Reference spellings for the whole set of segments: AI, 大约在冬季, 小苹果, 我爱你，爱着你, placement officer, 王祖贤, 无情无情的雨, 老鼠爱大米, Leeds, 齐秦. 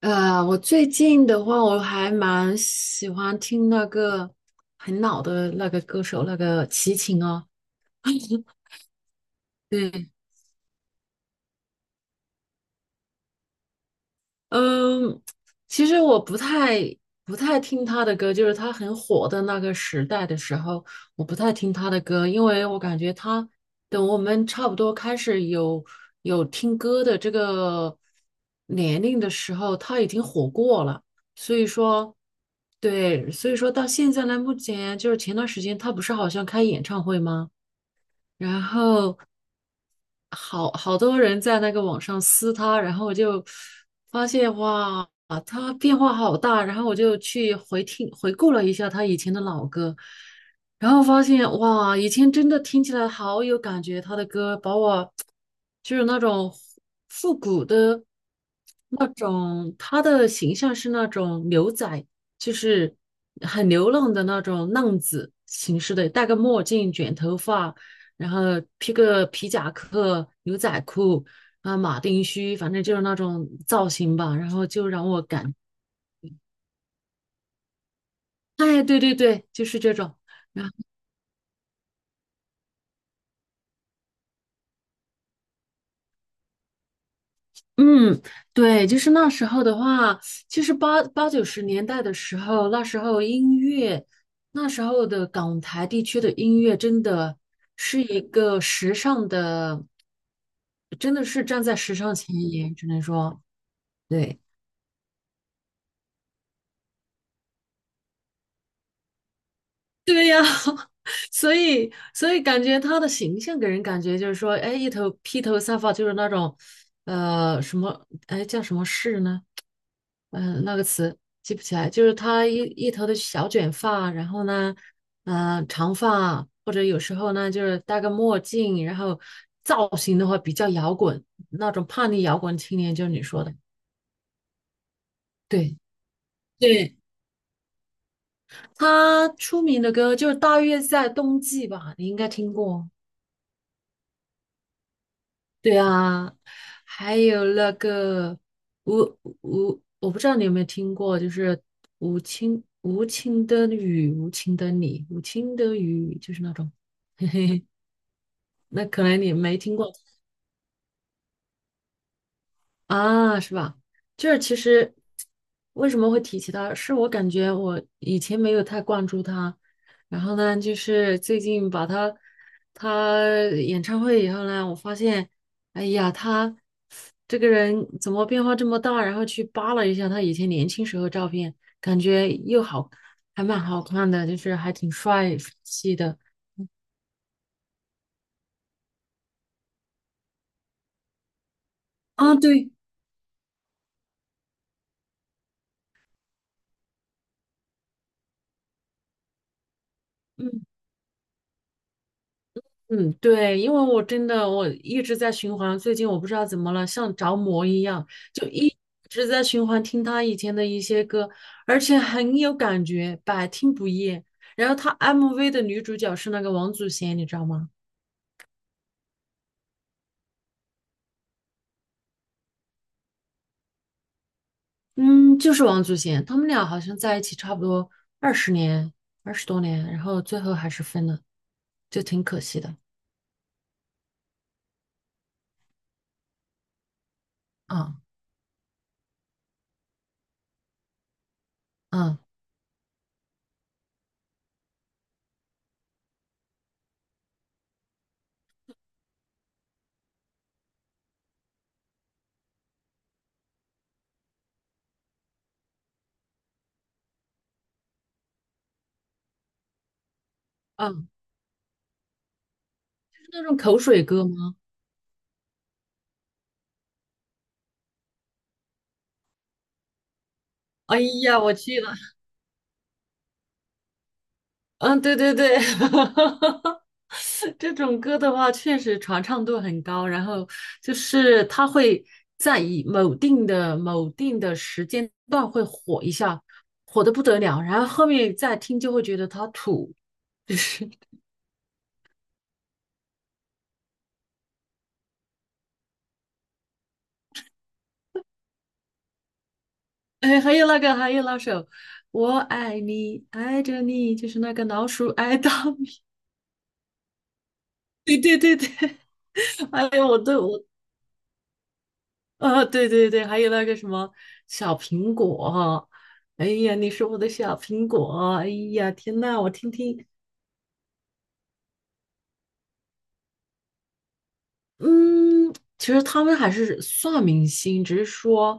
我最近的话，我还蛮喜欢听那个很老的那个歌手，那个齐秦哦。对，嗯，其实我不太听他的歌，就是他很火的那个时代的时候，我不太听他的歌，因为我感觉他等我们差不多开始有听歌的这个年龄的时候，他已经火过了。所以说，对，所以说到现在呢，目前就是前段时间他不是好像开演唱会吗？然后好好多人在那个网上撕他，然后我就发现哇，啊他变化好大，然后我就去回听回顾了一下他以前的老歌，然后发现哇，以前真的听起来好有感觉，他的歌把我就是那种复古的那种，他的形象是那种牛仔，就是很流浪的那种浪子形式的，戴个墨镜，卷头发。然后披个皮夹克、牛仔裤啊、马丁靴，反正就是那种造型吧。然后就让我感，哎，对对对，就是这种。然后，嗯，对，就是那时候的话，其实八八九十年代的时候，那时候音乐，那时候的港台地区的音乐真的是一个时尚的，真的是站在时尚前沿，只能说。对。对呀，所以感觉他的形象给人感觉就是说，哎，一头披头散发，就是那种，哎，叫什么饰呢？那个词记不起来，就是他一头的小卷发，然后呢，嗯、长发，或者有时候呢，就是戴个墨镜，然后造型的话比较摇滚，那种叛逆摇滚青年，就是你说的，对对，他出名的歌就是大约在冬季吧，你应该听过。对啊，还有那个吴，我不知道你有没有听过，就是无情无情的雨，无情的你，无情的雨，就是那种，那可能你没听过，啊，是吧？就是其实为什么会提起他，是我感觉我以前没有太关注他，然后呢，就是最近把他他演唱会以后呢，我发现，哎呀，他这个人怎么变化这么大？然后去扒了一下他以前年轻时候照片，感觉又好，还蛮好看的，就是还挺帅气的。啊，对，嗯。嗯，对，因为我真的一直在循环，最近我不知道怎么了，像着魔一样，就一直在循环听他以前的一些歌，而且很有感觉，百听不厌。然后他 MV 的女主角是那个王祖贤，你知道吗？嗯，就是王祖贤，他们俩好像在一起差不多二十年，二十多年，然后最后还是分了，就挺可惜的。嗯嗯嗯，是那种口水歌吗？哎呀，我去！了。嗯，对对对，这种歌的话，确实传唱度很高。然后就是它会在以某定的某定的时间段会火一下，火的不得了。然后后面再听就会觉得它土，就是 哎，还有那个，还有那首《我爱你，爱着你》，就是那个老鼠爱大米。对对对对，哎呦，我都我 啊，对对对，还有那个什么小苹果，哎呀，你是我的小苹果，哎呀，天呐，我听听，嗯，其实他们还是算明星，只是说，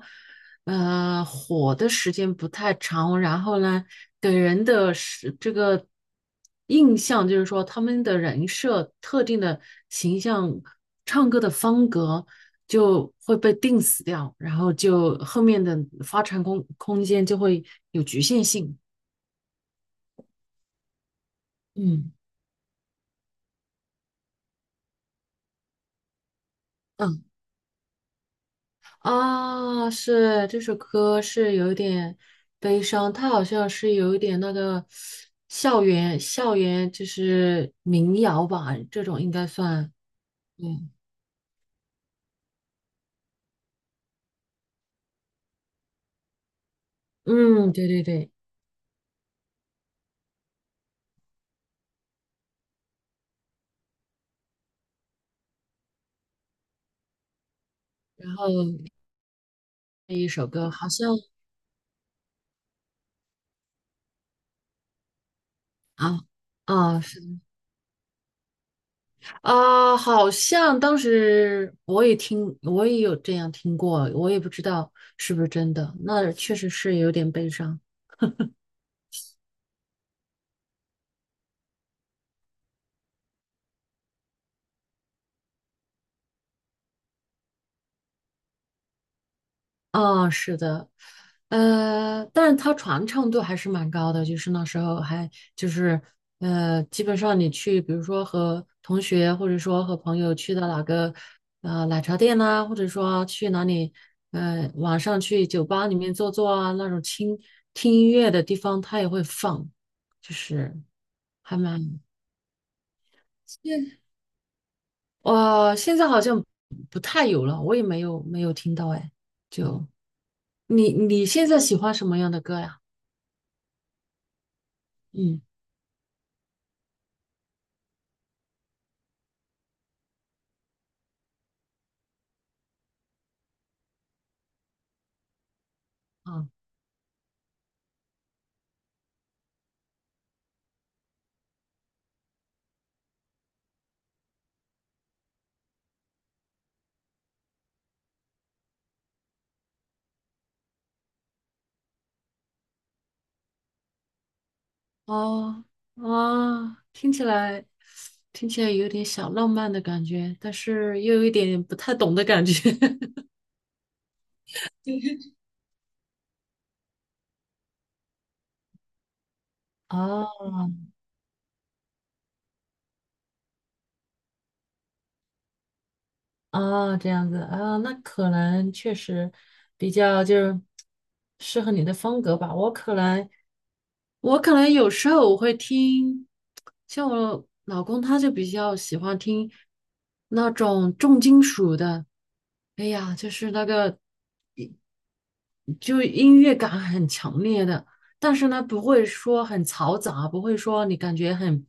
火的时间不太长，然后呢，给人的是这个印象就是说，他们的人设、特定的形象、唱歌的风格就会被定死掉，然后就后面的发展空间就会有局限性。嗯。啊，是这首歌是有一点悲伤，它好像是有一点那个校园就是民谣吧，这种应该算。对，嗯，对对对。然后这一首歌好像啊是，好像当时我也听，我也有这样听过，我也不知道是不是真的。那确实是有点悲伤。哦，是的，但是它传唱度还是蛮高的，就是那时候还就是基本上你去，比如说和同学或者说和朋友去到哪个奶茶店呐、或者说去哪里晚上去酒吧里面坐坐啊，那种听音乐的地方，它也会放，就是还蛮现哇，现在好像不太有了，我也没有听到哎，就你现在喜欢什么样的歌呀？嗯，啊哦，啊，听起来有点小浪漫的感觉，但是又有一点不太懂的感觉。哦哦，这样子啊，那可能确实比较就是适合你的风格吧。我可能有时候我会听，像我老公他就比较喜欢听那种重金属的，哎呀，就是那个。就音乐感很强烈的，但是呢，不会说很嘈杂，不会说你感觉很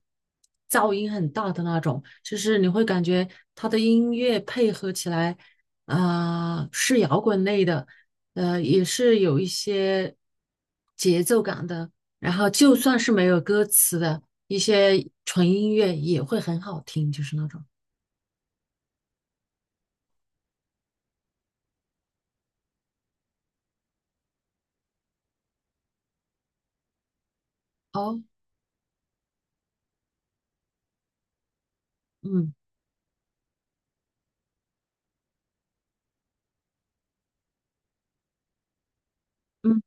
噪音很大的那种，就是你会感觉它的音乐配合起来，啊、是摇滚类的，也是有一些节奏感的，然后就算是没有歌词的一些纯音乐也会很好听，就是那种。哦，嗯嗯。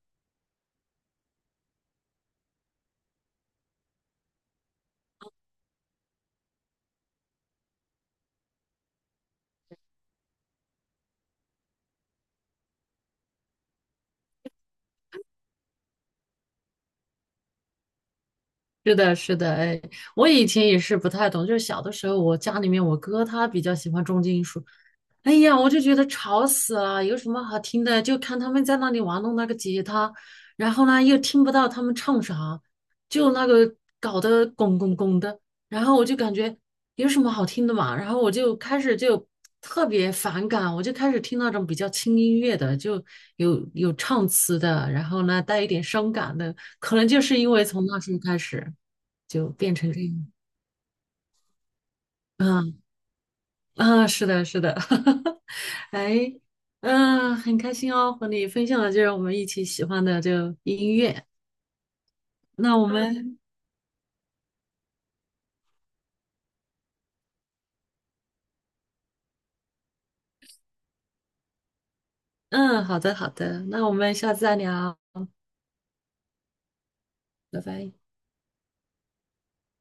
是的，是的，哎，我以前也是不太懂，就是小的时候，我家里面我哥他比较喜欢重金属，哎呀，我就觉得吵死了，有什么好听的？就看他们在那里玩弄那个吉他，然后呢又听不到他们唱啥，就那个搞得拱拱拱的，然后我就感觉有什么好听的嘛，然后我就开始就特别反感，我就开始听那种比较轻音乐的，就有唱词的，然后呢带一点伤感的，可能就是因为从那时候开始就变成这样，嗯啊，是的，是的，哎，嗯、很开心哦，和你分享的就是我们一起喜欢的这个音乐。那我嗯们，嗯，好的，好的，那我们下次再聊，拜拜。